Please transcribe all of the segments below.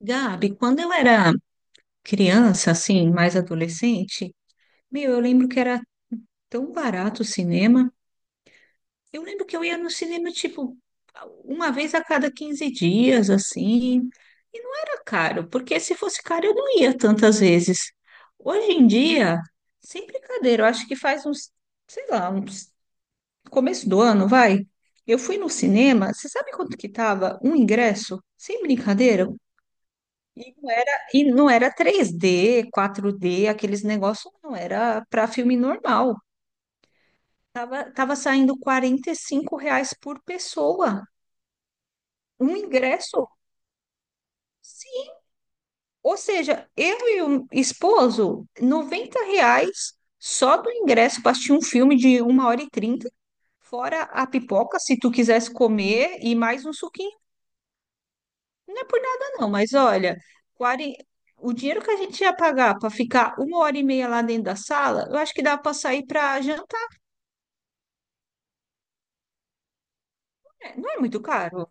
Gabi, quando eu era criança, assim, mais adolescente, meu, eu lembro que era tão barato o cinema. Eu lembro que eu ia no cinema, tipo, uma vez a cada 15 dias, assim, e não era caro, porque se fosse caro eu não ia tantas vezes. Hoje em dia, sem brincadeira, eu acho que faz uns, sei lá, uns começo do ano, vai. Eu fui no cinema, você sabe quanto que tava um ingresso? Sem brincadeira, e não era 3D, 4D, aqueles negócios, não, era para filme normal. Tava saindo R$ 45 por pessoa, um ingresso. Sim. Ou seja, eu e o esposo, R$ 90 só do ingresso para assistir um filme de 1h30, fora a pipoca, se tu quisesse comer, e mais um suquinho. Não é por nada, não, mas olha, 40, o dinheiro que a gente ia pagar para ficar uma hora e meia lá dentro da sala, eu acho que dá para sair para jantar. Não é muito caro.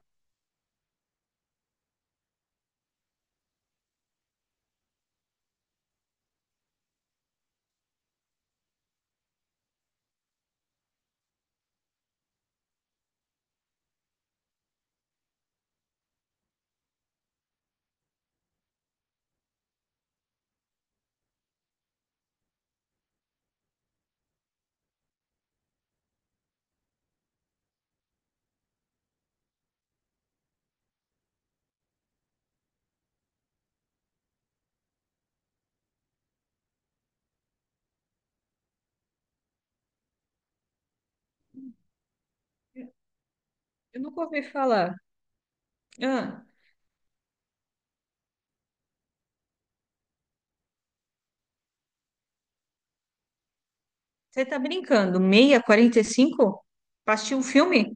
Eu nunca ouvi falar. Ah, você tá brincando? Meia, 45? Pra assistir um filme?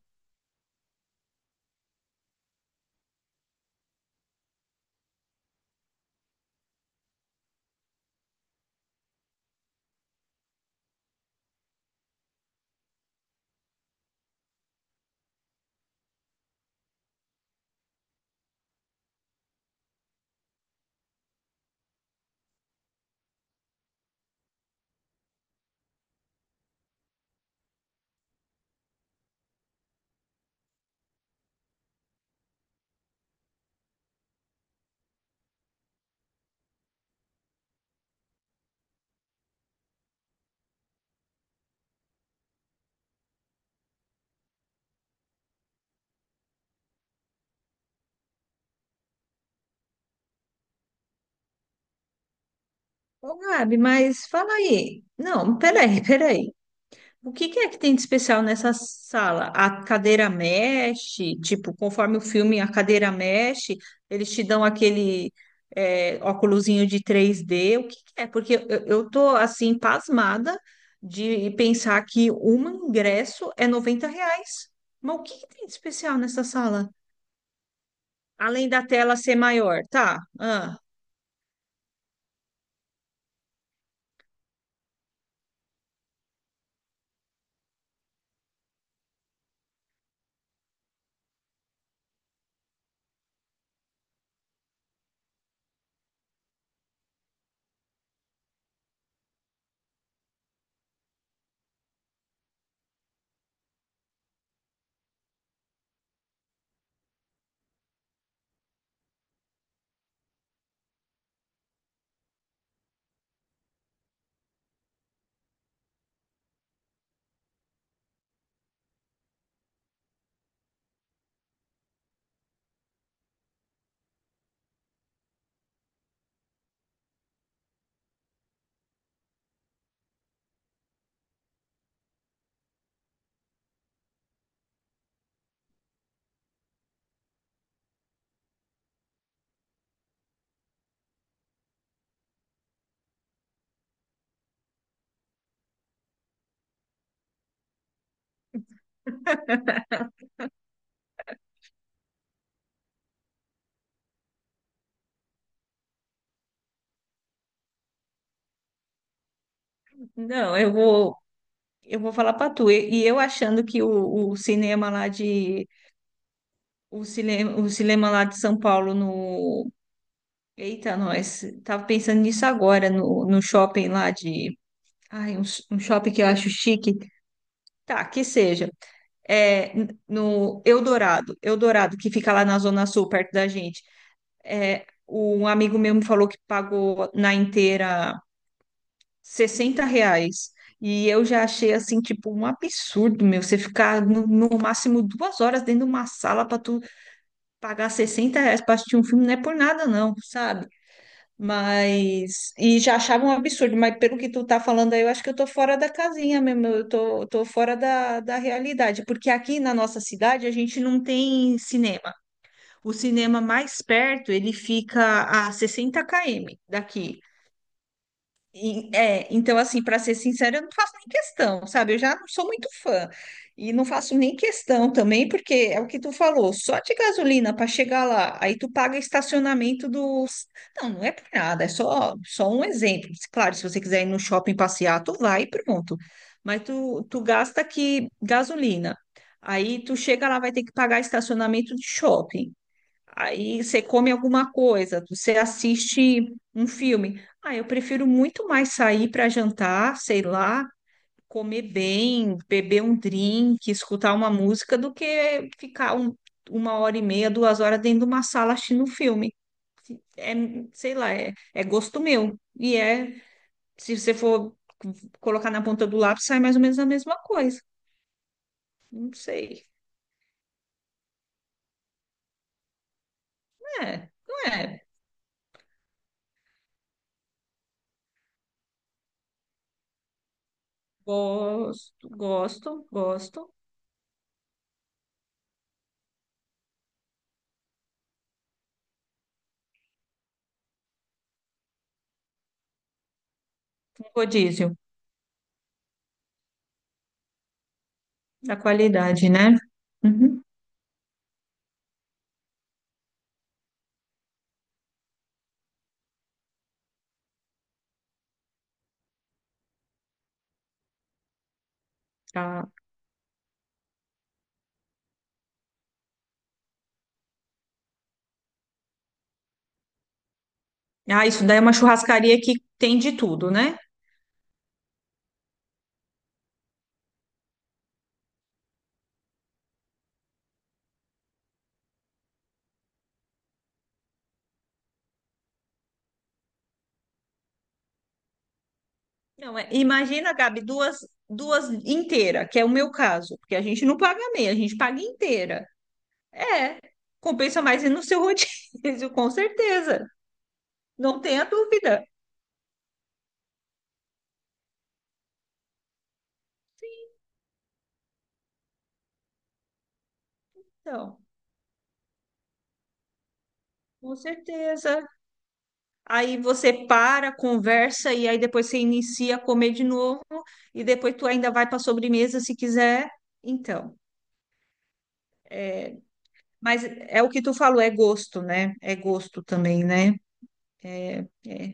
Ô, Gabi, mas fala aí. Não, peraí, peraí. O que que é que tem de especial nessa sala? A cadeira mexe, tipo, conforme o filme, a cadeira mexe, eles te dão aquele óculosinho de 3D. O que que é? Porque eu tô assim, pasmada de pensar que um ingresso é R$ 90. Mas o que que tem de especial nessa sala? Além da tela ser maior, tá? Ah, não, eu vou falar pra tu. E eu achando que o cinema lá de São Paulo no. Eita, nós. Tava pensando nisso agora, no shopping lá de. Ai, um shopping que eu acho chique. Tá, que seja. É, no Eldorado, que fica lá na Zona Sul, perto da gente. É, um amigo meu me falou que pagou na inteira R$ 60. E eu já achei assim, tipo, um absurdo, meu, você ficar no máximo 2 horas dentro de uma sala para tu pagar R$ 60 para assistir um filme, não é por nada, não, sabe? Mas. E já achava um absurdo, mas pelo que tu tá falando aí, eu acho que eu tô fora da casinha mesmo, eu tô fora da realidade, porque aqui na nossa cidade a gente não tem cinema. O cinema mais perto, ele fica a 60 km daqui. Então, assim, para ser sincera, eu não faço nem questão, sabe? Eu já não sou muito fã e não faço nem questão também, porque é o que tu falou, só de gasolina para chegar lá, aí tu paga estacionamento dos. Não, não é por nada, é só um exemplo. Claro, se você quiser ir no shopping passear, tu vai e pronto. Mas tu gasta aqui gasolina, aí tu chega lá, vai ter que pagar estacionamento de shopping. Aí você come alguma coisa, você assiste um filme. Ah, eu prefiro muito mais sair para jantar, sei lá, comer bem, beber um drink, escutar uma música, do que ficar uma hora e meia, 2 horas dentro de uma sala assistindo um filme. É, sei lá, é gosto meu. Se você for colocar na ponta do lápis, sai mais ou menos a mesma coisa. Não sei. É, não é. Gosto, gosto, gosto. Um rodízio. Da qualidade, né? Uhum. Tá. Ah, isso daí é uma churrascaria que tem de tudo, né? Não, imagina, Gabi, duas, inteira, que é o meu caso, porque a gente não paga meia, a gente paga inteira. É, compensa mais ir no seu rodízio, com certeza. Não tenha dúvida. Então, com certeza. Aí você para, conversa e aí depois você inicia a comer de novo e depois tu ainda vai para sobremesa se quiser. Então. é, Mas é o que tu falou, é gosto, né? É gosto também, né? É, é,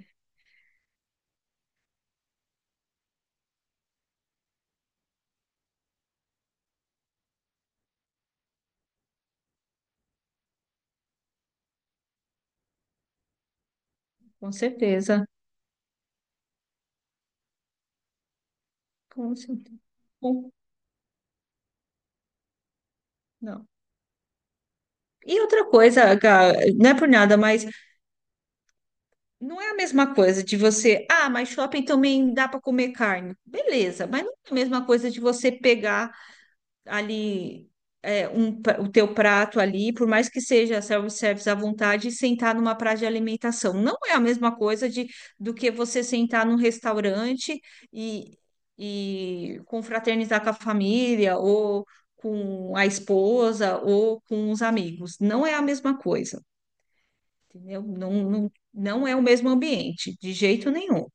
com certeza. Com certeza. Bom. Não. E outra coisa, Gá, não é por nada, mas não é a mesma coisa de você, ah, mas shopping também dá para comer carne. Beleza, mas não é a mesma coisa de você pegar ali um o teu prato ali, por mais que seja self-service à vontade, e sentar numa praia de alimentação. Não é a mesma coisa de, do que você sentar num restaurante e, e confraternizar com a família, ou com a esposa, ou com os amigos. Não é a mesma coisa, entendeu? Não, não, não é o mesmo ambiente, de jeito nenhum.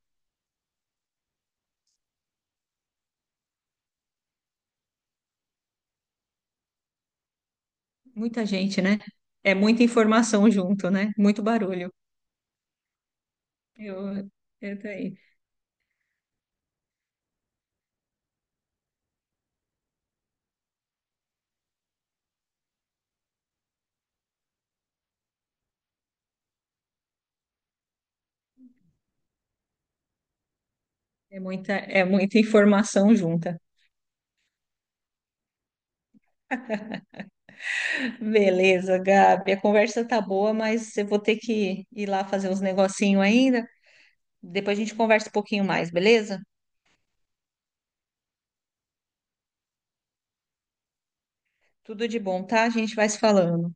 Muita gente, né? É muita informação junto, né? Muito barulho. Eu, eu tô aí. É muita informação junta. Beleza, Gabi. A conversa tá boa, mas eu vou ter que ir lá fazer uns negocinho ainda. Depois a gente conversa um pouquinho mais, beleza? Tudo de bom, tá? A gente vai se falando.